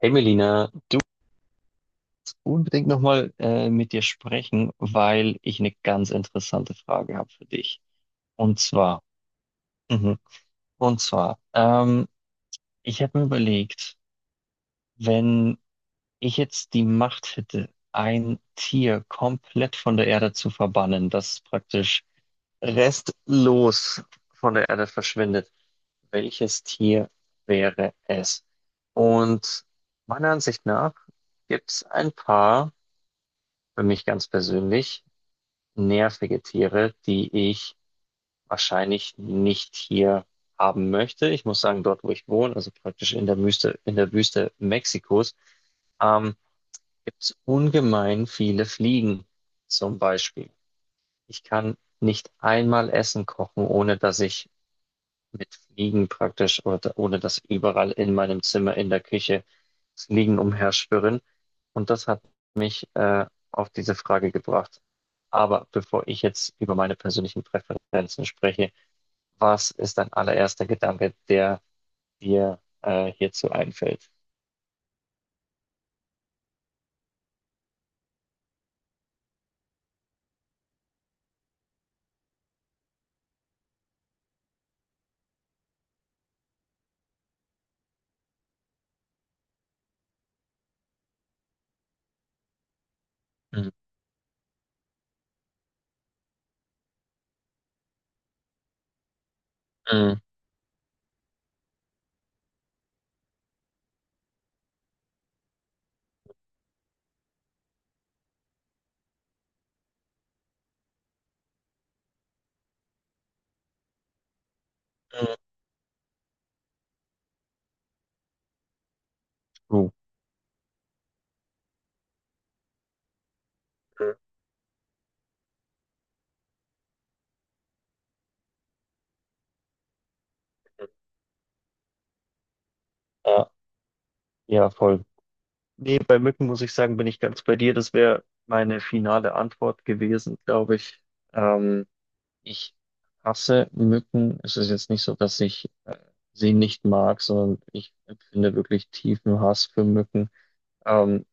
Hey Melina, unbedingt nochmal mit dir sprechen, weil ich eine ganz interessante Frage habe für dich. Und zwar, mhm, und zwar, ich habe mir überlegt, wenn ich jetzt die Macht hätte, ein Tier komplett von der Erde zu verbannen, das praktisch restlos von der Erde verschwindet, welches Tier wäre es? Und meiner Ansicht nach gibt es ein paar, für mich ganz persönlich, nervige Tiere, die ich wahrscheinlich nicht hier haben möchte. Ich muss sagen, dort, wo ich wohne, also praktisch in der Wüste Mexikos, ähm, gibt es ungemein viele Fliegen zum Beispiel. Ich kann nicht einmal Essen kochen, ohne dass ich mit Fliegen praktisch, oder, ohne dass überall in meinem Zimmer, in der Küche Fliegen umherschwirren. Und das hat mich auf diese Frage gebracht. Aber bevor ich jetzt über meine persönlichen Präferenzen spreche, was ist dein allererster Gedanke, der dir hierzu einfällt? Mm, mm, mm, uh, Ja, ja, voll. Nee, bei Mücken muss ich sagen, bin ich ganz bei dir. Das wäre meine finale Antwort gewesen, glaube ich. Ähm, Ich hasse Mücken. Es ist jetzt nicht so, dass ich sie nicht mag, sondern ich empfinde wirklich tiefen Hass für Mücken. Ähm,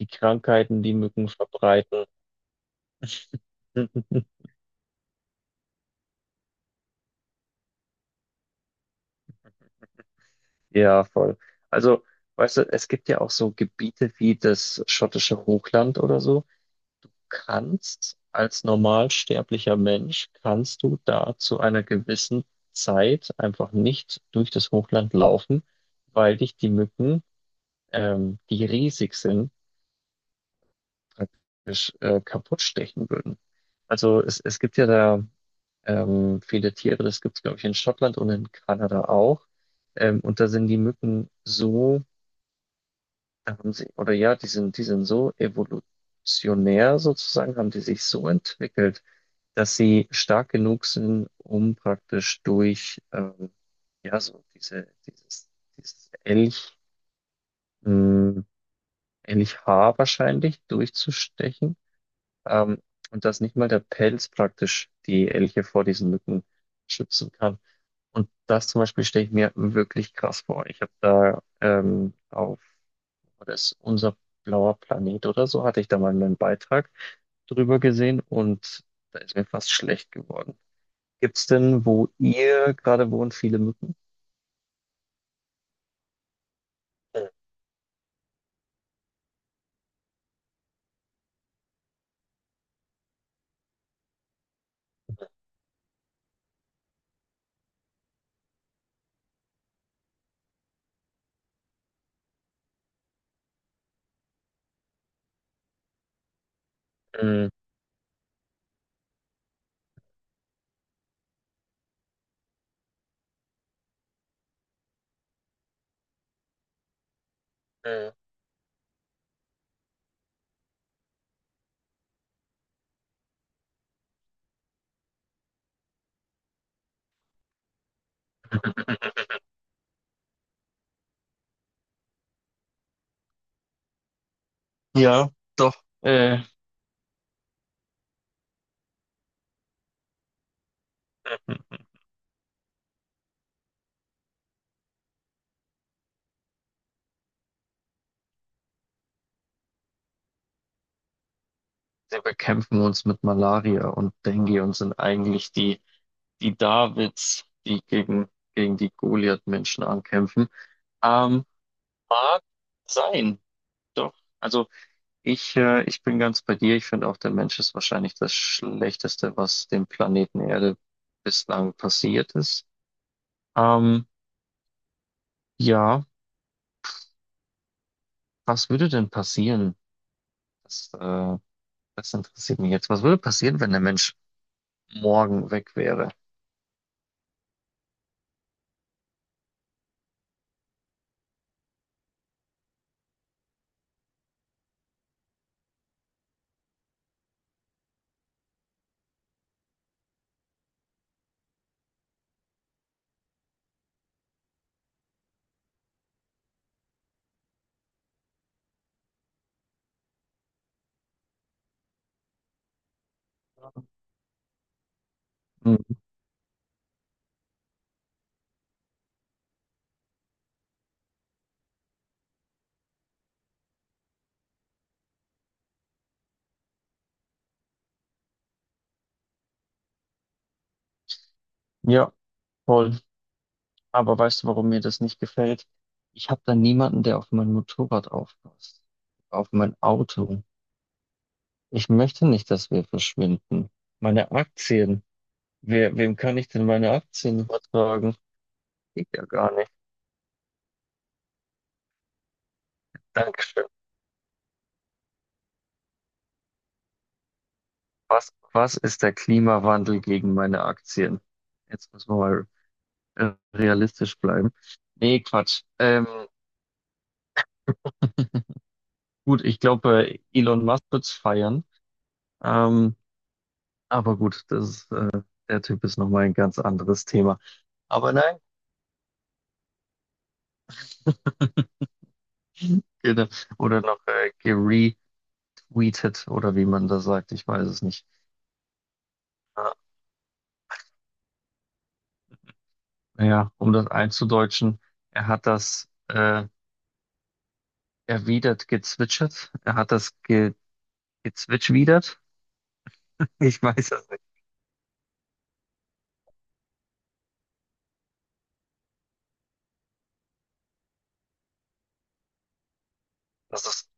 die Krankheiten, die Mücken verbreiten. Ja, voll. Also, weißt du, es gibt ja auch so Gebiete wie das schottische Hochland oder so. Kannst als normalsterblicher Mensch, kannst du da zu einer gewissen Zeit einfach nicht durch das Hochland laufen, weil dich die Mücken, die riesig sind, praktisch kaputt stechen würden. Es gibt ja da viele Tiere, das gibt es, glaube ich, in Schottland und in Kanada auch. Und da sind die Mücken so, da haben sie, oder ja, die sind so evolutionär sozusagen, haben die sich so entwickelt, dass sie stark genug sind, um praktisch durch ja, dieses Elch, mh, Elchhaar wahrscheinlich durchzustechen. Ähm, und dass nicht mal der Pelz praktisch die Elche vor diesen Mücken schützen kann. Und das zum Beispiel stelle ich mir wirklich krass vor. Ich habe da das ist unser blauer Planet oder so, hatte ich da mal einen Beitrag drüber gesehen und da ist mir fast schlecht geworden. Gibt's denn, wo ihr gerade wohnt, viele Mücken? Mhm. Mhm. Ja, doch. Wir bekämpfen uns mit Malaria und Dengue und sind eigentlich die Davids, die gegen die Goliath-Menschen ankämpfen. Ähm, mag sein, doch. Also ich bin ganz bei dir. Ich finde auch, der Mensch ist wahrscheinlich das Schlechteste, was dem Planeten Erde bislang passiert ist. Ähm, ja, was würde denn passieren? Das, äh, das interessiert mich jetzt. Was würde passieren, wenn der Mensch morgen weg wäre? Hm, Ja, voll. Aber weißt du, warum mir das nicht gefällt? Ich habe da niemanden, der auf mein Motorrad aufpasst, auf mein Auto. Ich möchte nicht, dass wir verschwinden. Meine Aktien. Wem kann ich denn meine Aktien übertragen? Geht ja gar nicht. Dankeschön. Was ist der Klimawandel gegen meine Aktien? Jetzt müssen wir mal realistisch bleiben. Nee, Quatsch. Gut, ich glaube, Elon Musk wird's feiern. Ähm, aber gut, der Typ ist nochmal ein ganz anderes Thema. Aber nein, genau. Oder noch geretweetet oder wie man das sagt, ich weiß es nicht. Ja, ja, um das einzudeutschen, er hat das erwidert gezwitschert, er hat das ge gezwitschwidert. Ich weiß es nicht. Das ist,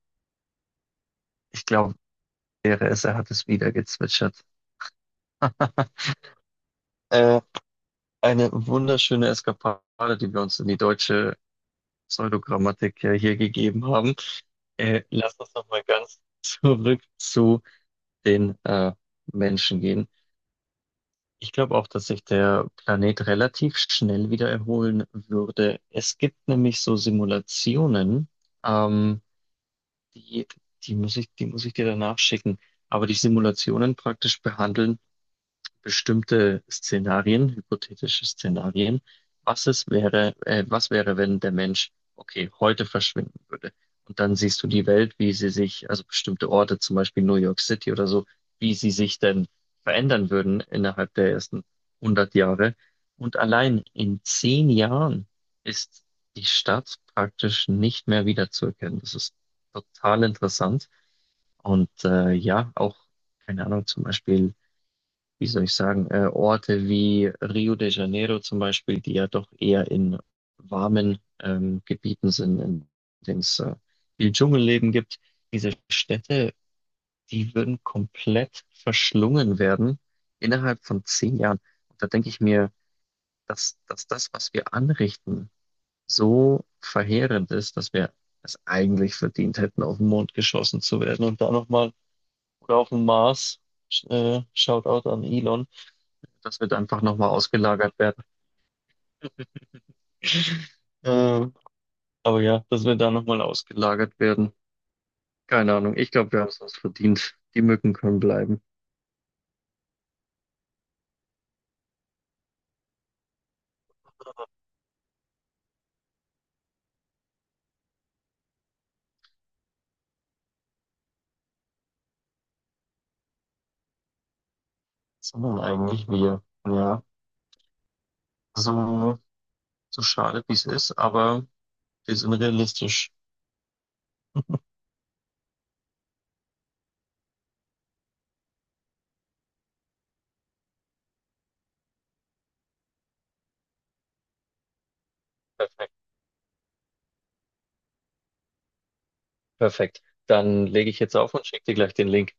ich glaube, wäre es, er hat es wieder gezwitschert. Äh, eine wunderschöne Eskapade, die wir uns in die deutsche Pseudogrammatik ja hier gegeben haben. Lass uns nochmal ganz zurück zu den Menschen gehen. Ich glaube auch, dass sich der Planet relativ schnell wieder erholen würde. Es gibt nämlich so Simulationen, ähm, die, die muss die muss ich dir danach schicken. Aber die Simulationen praktisch behandeln, bestimmte Szenarien, hypothetische Szenarien. Was wäre, wenn der Mensch, okay, heute verschwinden würde? Und dann siehst du die Welt, wie sie sich, also bestimmte Orte, zum Beispiel New York City oder so, wie sie sich denn verändern würden innerhalb der ersten 100 Jahre. Und allein in 10 Jahren ist die Stadt praktisch nicht mehr wiederzuerkennen. Das ist total interessant. Und ja, auch, keine Ahnung, zum Beispiel wie soll ich sagen, Orte wie Rio de Janeiro zum Beispiel, die ja doch eher in warmen Gebieten sind, in denen es viel Dschungelleben gibt. Diese Städte, die würden komplett verschlungen werden innerhalb von 10 Jahren. Und da denke ich mir, dass das, was wir anrichten, so verheerend ist, dass wir es eigentlich verdient hätten, auf den Mond geschossen zu werden und da nochmal oder auf den Mars. Sch- Shoutout an Elon, das wird einfach nochmal ausgelagert werden. Äh, aber ja, dass wir da nochmal ausgelagert werden. Keine Ahnung. Ich glaube, wir haben es uns verdient. Die Mücken können bleiben. Sondern eigentlich wir. Ja. So, so schade, wie es ist, aber wir sind realistisch. Perfekt. Perfekt. Dann lege ich jetzt auf und schicke dir gleich den Link.